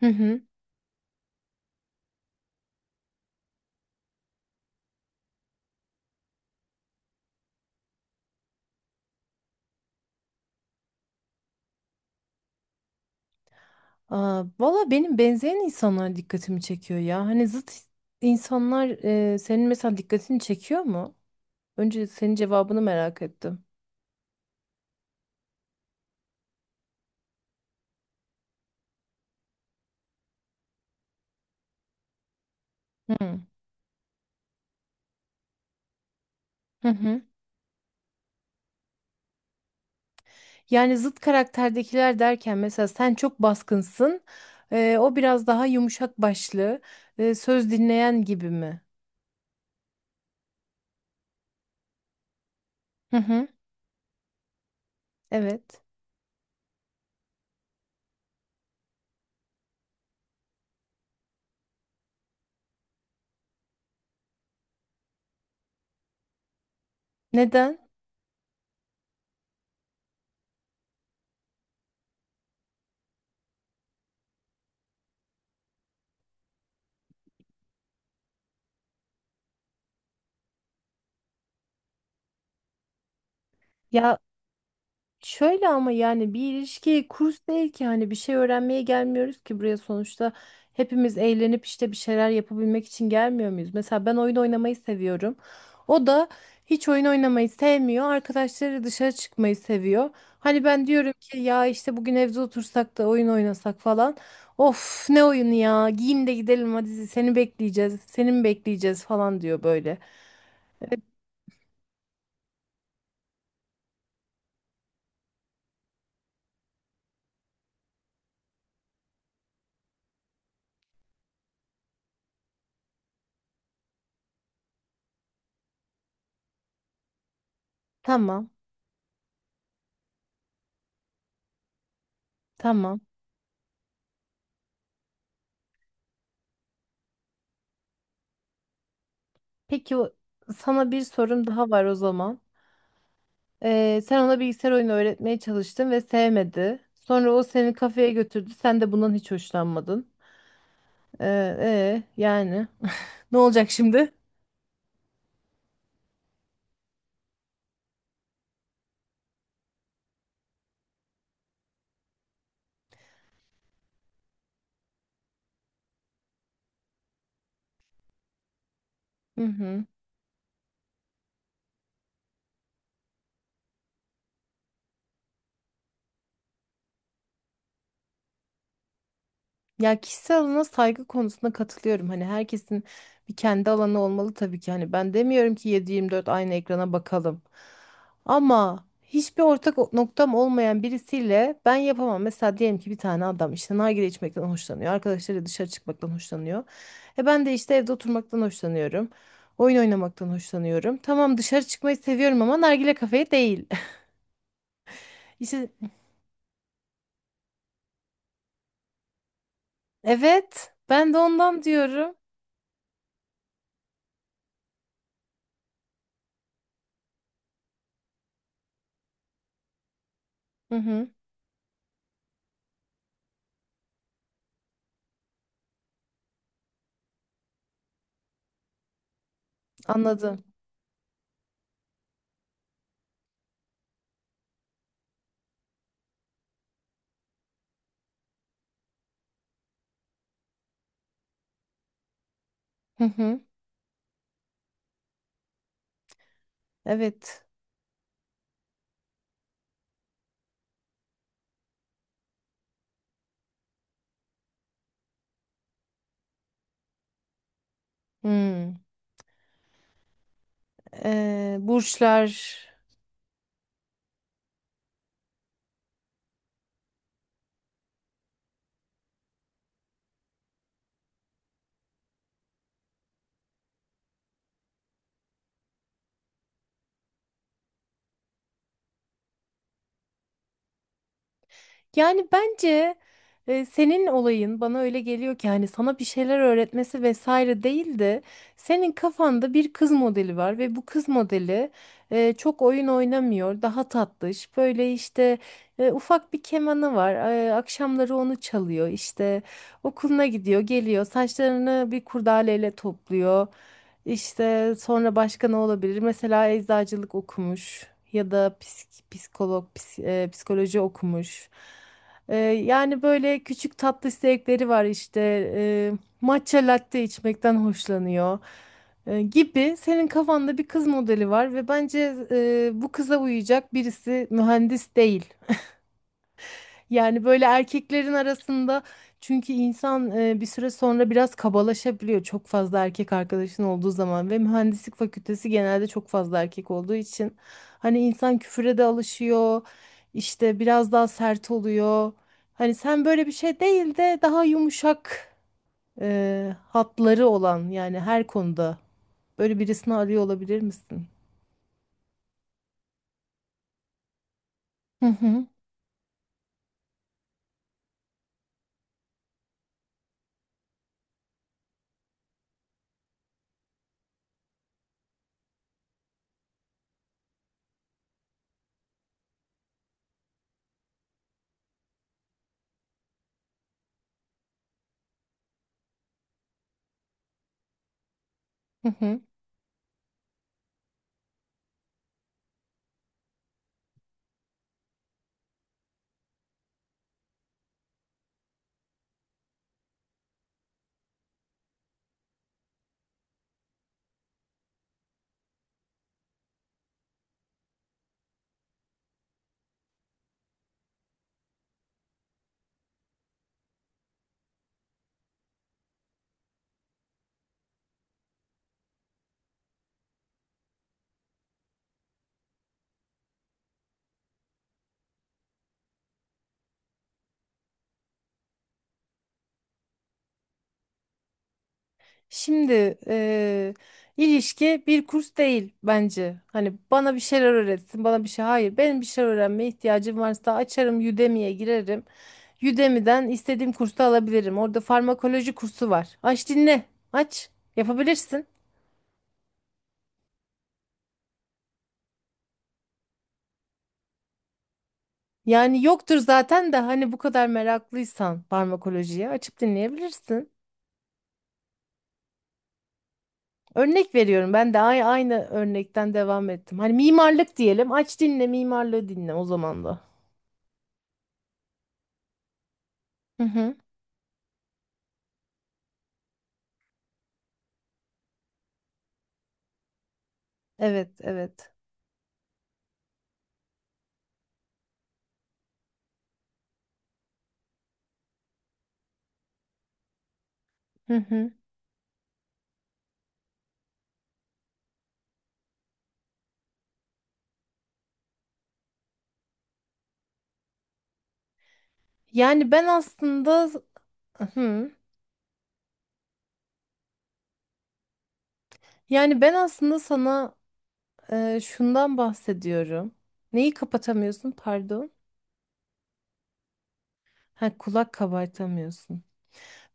Hı hı. Aa, valla benim benzeyen insanlar dikkatimi çekiyor ya. Hani zıt insanlar senin mesela dikkatini çekiyor mu? Önce senin cevabını merak ettim. Hı hı. Hı. Yani zıt karakterdekiler derken mesela sen çok baskınsın, o biraz daha yumuşak başlı, söz dinleyen gibi mi? Hı hı. Evet. Neden? ya Şöyle ama yani bir ilişki kurs değil ki. Hani bir şey öğrenmeye gelmiyoruz ki buraya. Sonuçta hepimiz eğlenip işte bir şeyler yapabilmek için gelmiyor muyuz? Mesela ben oyun oynamayı seviyorum. O da hiç oyun oynamayı sevmiyor. Arkadaşları dışarı çıkmayı seviyor. Hani ben diyorum ki ya işte bugün evde otursak da oyun oynasak falan. Of ne oyunu ya, giyin de gidelim hadi, seni bekleyeceğiz, seni mi bekleyeceğiz falan diyor böyle. Tamam tamam. Peki sana bir sorum daha var o zaman. Sen ona bilgisayar oyunu öğretmeye çalıştın ve sevmedi. Sonra o seni kafeye götürdü. Sen de bundan hiç hoşlanmadın. Ee, Yani ne olacak şimdi? Hı hı. Ya, kişisel alana saygı konusunda katılıyorum. Hani herkesin bir kendi alanı olmalı tabii ki. Hani ben demiyorum ki 7/24 aynı ekrana bakalım. Ama hiçbir ortak noktam olmayan birisiyle ben yapamam. Mesela diyelim ki bir tane adam işte nargile içmekten hoşlanıyor. Arkadaşları dışarı çıkmaktan hoşlanıyor. E ben de işte evde oturmaktan hoşlanıyorum. Oyun oynamaktan hoşlanıyorum. Tamam, dışarı çıkmayı seviyorum ama nargile kafeye değil. İşte evet, ben de ondan diyorum. Hı hı, anladım. Hı hı, evet. Hmm. Burçlar. Yani bence senin olayın bana öyle geliyor ki hani sana bir şeyler öğretmesi vesaire değil de senin kafanda bir kız modeli var ve bu kız modeli çok oyun oynamıyor, daha tatlış. Böyle işte ufak bir kemanı var. Akşamları onu çalıyor. İşte okuluna gidiyor, geliyor. Saçlarını bir kurdaleyle topluyor. İşte sonra başka ne olabilir? Mesela eczacılık okumuş ya da psikolog, psikoloji okumuş. E, yani böyle küçük tatlı zevkleri var işte. E, matcha latte içmekten hoşlanıyor gibi. Senin kafanda bir kız modeli var ve bence bu kıza uyacak birisi mühendis değil. Yani böyle erkeklerin arasında, çünkü insan bir süre sonra biraz kabalaşabiliyor çok fazla erkek arkadaşın olduğu zaman ve mühendislik fakültesi genelde çok fazla erkek olduğu için hani insan küfüre de alışıyor, işte biraz daha sert oluyor. Hani sen böyle bir şey değil de daha yumuşak hatları olan, yani her konuda böyle birisini arıyor olabilir misin? Hı hı. Hı hı. Şimdi ilişki bir kurs değil bence. Hani bana bir şeyler öğretsin, bana bir şey. Hayır, benim bir şeyler öğrenmeye ihtiyacım varsa açarım, Udemy'ye girerim. Udemy'den istediğim kursu alabilirim. Orada farmakoloji kursu var. Aç dinle, aç. Yapabilirsin. Yani yoktur zaten de hani bu kadar meraklıysan farmakolojiye açıp dinleyebilirsin. Örnek veriyorum, ben de aynı örnekten devam ettim. Hani mimarlık diyelim, aç dinle mimarlığı dinle o zaman da. Hı hı. Evet evet. Hı hı. Yani ben aslında hı. Yani ben aslında sana şundan bahsediyorum. Neyi kapatamıyorsun? Pardon. Ha, kulak kabartamıyorsun.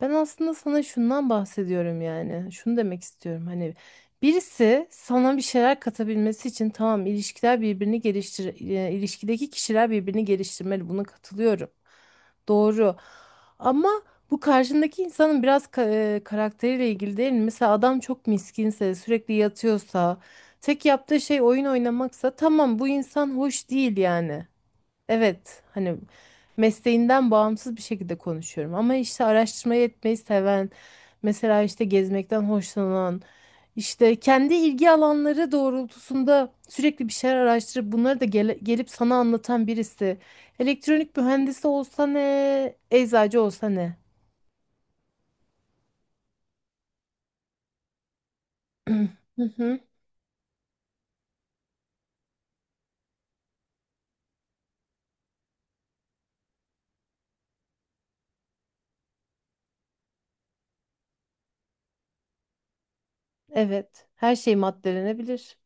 Ben aslında sana şundan bahsediyorum yani. Şunu demek istiyorum. Hani birisi sana bir şeyler katabilmesi için, tamam, ilişkiler birbirini ilişkideki kişiler birbirini geliştirmeli. Buna katılıyorum. Doğru. Ama bu karşındaki insanın biraz karakteriyle ilgili değil mi? Mesela adam çok miskinse, sürekli yatıyorsa, tek yaptığı şey oyun oynamaksa tamam, bu insan hoş değil yani. Evet, hani mesleğinden bağımsız bir şekilde konuşuyorum. Ama işte araştırmayı etmeyi seven, mesela işte gezmekten hoşlanan, işte kendi ilgi alanları doğrultusunda sürekli bir şeyler araştırıp bunları da gelip sana anlatan birisi. Elektronik mühendisi olsa ne, eczacı olsa ne? Hı hı. Evet, her şey maddelenebilir.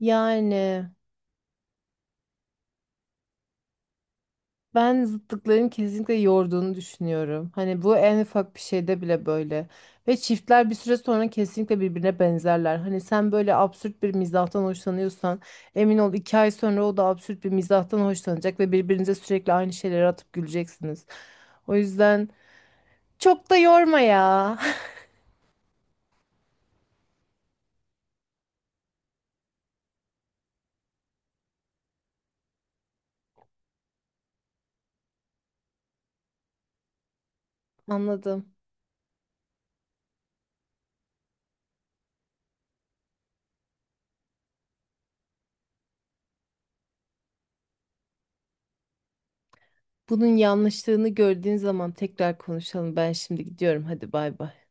Yani. Ben zıtlıkların kesinlikle yorduğunu düşünüyorum. Hani bu en ufak bir şeyde bile böyle. Ve çiftler bir süre sonra kesinlikle birbirine benzerler. Hani sen böyle absürt bir mizahtan hoşlanıyorsan emin ol 2 ay sonra o da absürt bir mizahtan hoşlanacak ve birbirinize sürekli aynı şeyleri atıp güleceksiniz. O yüzden çok da yorma ya. Anladım. Bunun yanlışlığını gördüğün zaman tekrar konuşalım. Ben şimdi gidiyorum. Hadi bay bay.